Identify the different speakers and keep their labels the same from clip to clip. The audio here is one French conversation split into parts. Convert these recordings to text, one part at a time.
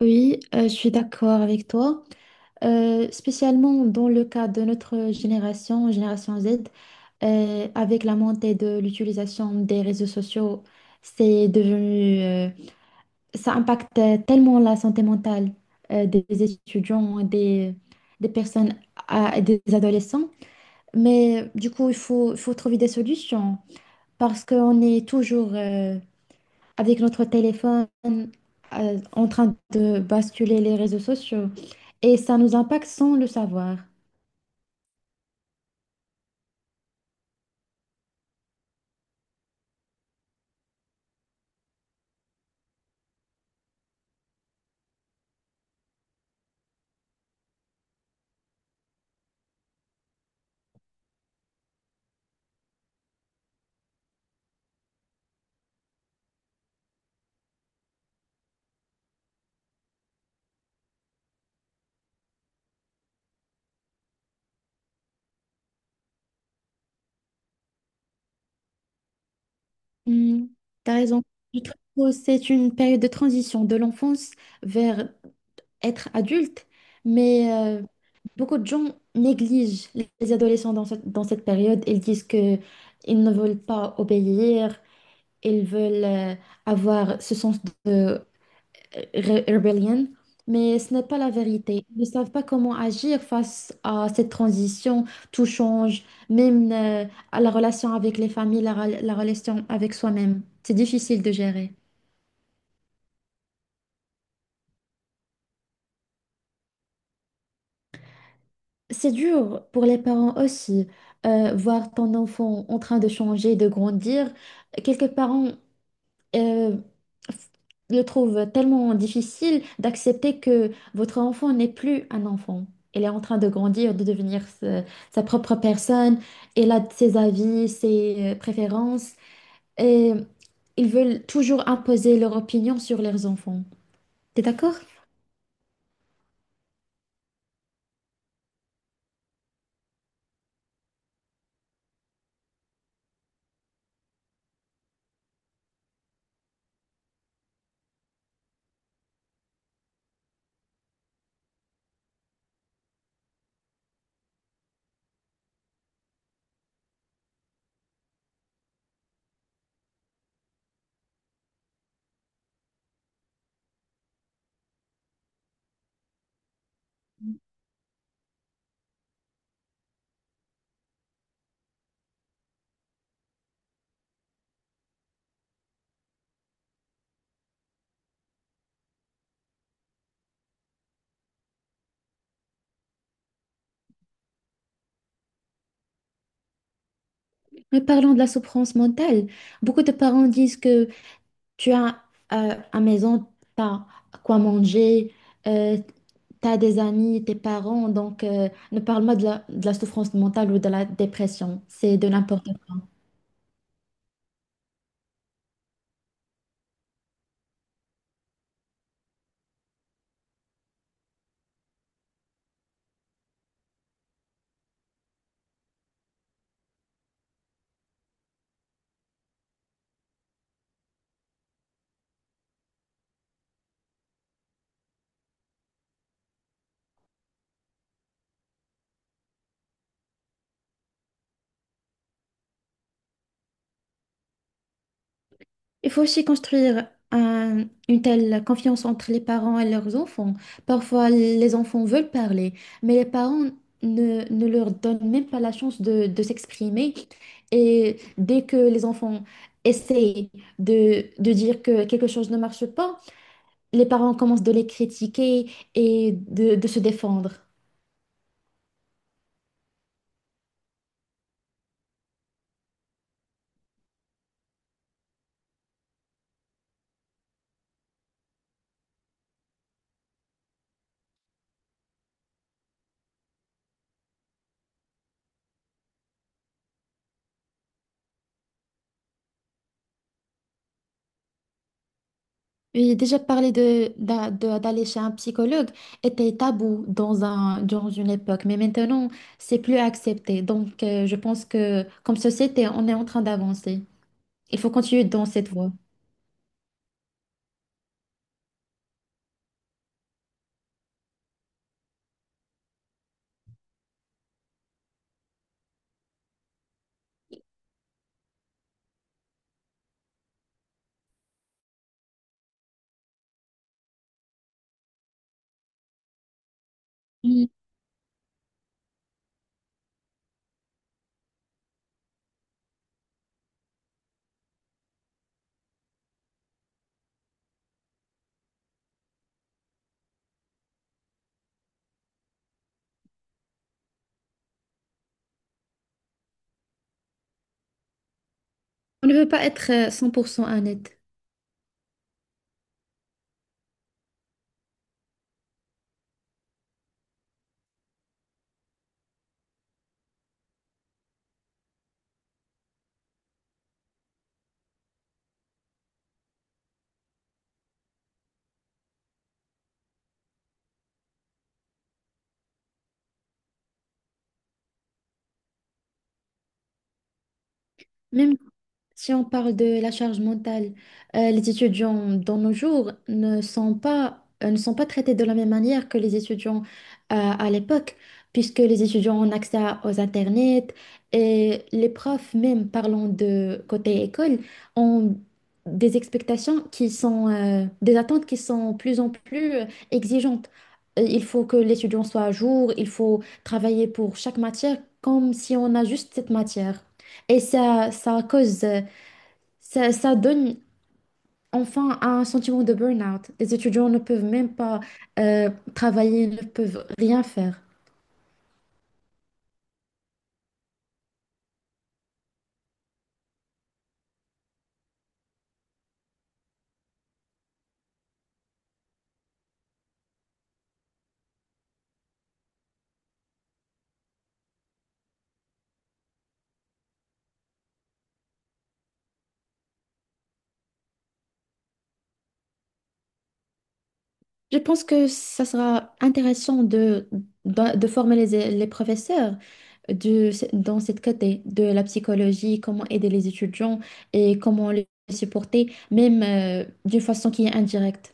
Speaker 1: Oui, je suis d'accord avec toi. Spécialement dans le cas de notre génération, génération Z, avec la montée de l'utilisation des réseaux sociaux, c'est devenu, ça impacte tellement la santé mentale, des étudiants, des personnes, des adolescents. Mais du coup, il faut trouver des solutions parce qu'on est toujours, avec notre téléphone en train de basculer les réseaux sociaux. Et ça nous impacte sans le savoir. Hmm, t'as raison. Je trouve que c'est une période de transition de l'enfance vers être adulte, mais beaucoup de gens négligent les adolescents dans dans cette période. Ils disent que ils ne veulent pas obéir, ils veulent avoir ce sens de rebellion, mais ce n'est pas la vérité. Ils ne savent pas comment agir face à cette transition. Tout change, même à la relation avec les familles, la relation avec soi-même. C'est difficile de gérer. C'est dur pour les parents aussi, voir ton enfant en train de changer, de grandir. Quelques parents euh, le trouve tellement difficile d'accepter que votre enfant n'est plus un enfant. Elle est en train de grandir, sa propre personne. Elle a ses avis, ses préférences. Et ils veulent toujours imposer leur opinion sur leurs enfants. T'es d'accord? Mais parlons de la souffrance mentale. Beaucoup de parents disent que tu as à maison, t'as quoi manger, euh, t'as des amis, tes parents, donc ne parle pas de de la souffrance mentale ou de la dépression. C'est de n'importe quoi. Il faut aussi construire une telle confiance entre les parents et leurs enfants. Parfois, les enfants veulent parler, mais les parents ne leur donnent même pas la chance de s'exprimer. Et dès que les enfants essayent de dire que quelque chose ne marche pas, les parents commencent de les critiquer et de se défendre. Oui, déjà parler d'aller chez un psychologue était tabou dans dans une époque, mais maintenant, c'est plus accepté. Donc, je pense que comme société, on est en train d'avancer. Il faut continuer dans cette voie. Mm. On ne peut pas être 100% honnête. Même si on parle de la charge mentale, les étudiants dans nos jours ne sont pas, ne sont pas traités de la même manière que les étudiants à l'époque, puisque les étudiants ont accès aux internets et les profs, même parlant de côté école, ont des expectations qui sont, des attentes qui sont de plus en plus exigeantes. Il faut que l'étudiant soit à jour, il faut travailler pour chaque matière comme si on a juste cette matière. Et ça, ça donne enfin un sentiment de burn-out. Les étudiants ne peuvent même pas travailler, ne peuvent rien faire. Je pense que ça sera intéressant de former les professeurs dans cette côté de la psychologie, comment aider les étudiants et comment les supporter, même d'une façon qui est indirecte.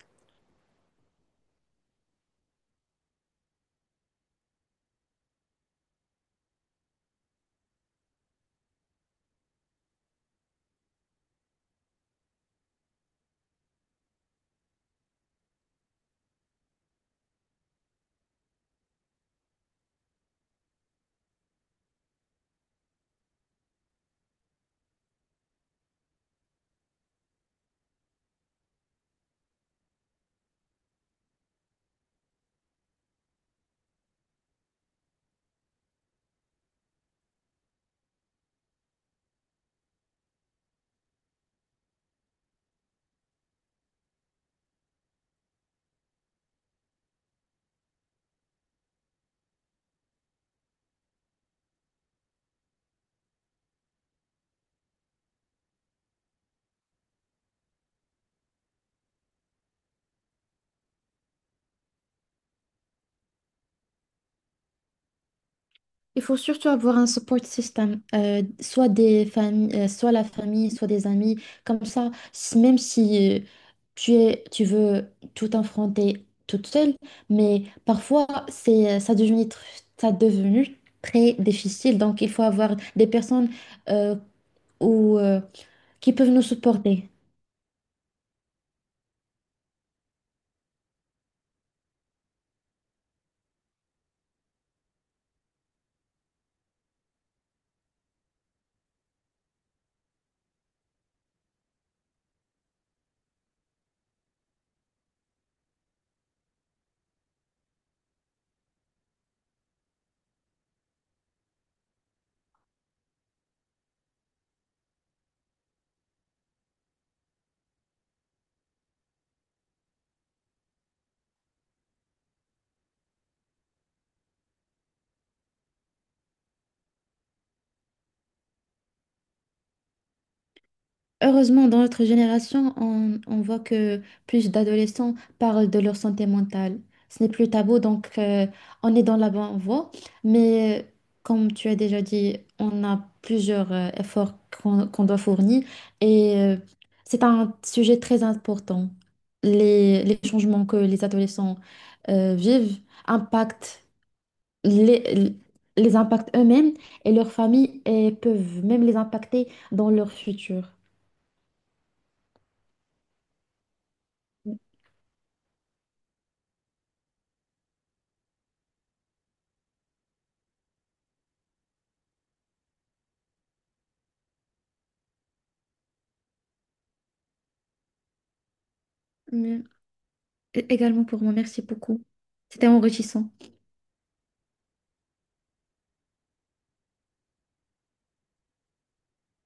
Speaker 1: Il faut surtout avoir un support system, soit des familles, soit la famille, soit des amis. Comme ça, même si tu es, tu veux tout affronter toute seule, mais parfois c'est, ça devenu, tr- ça devenu très difficile. Donc, il faut avoir des personnes euh, ou, euh, qui peuvent nous supporter. Heureusement, dans notre génération, on voit que plus d'adolescents parlent de leur santé mentale. Ce n'est plus tabou, donc on est dans la bonne voie. Mais comme tu as déjà dit, on a plusieurs efforts qu'on doit fournir et c'est un sujet très important. Les changements que les adolescents vivent impactent les, les impactent eux-mêmes et leurs familles et peuvent même les impacter dans leur futur. Mais- Également pour moi, merci beaucoup. C'était enrichissant.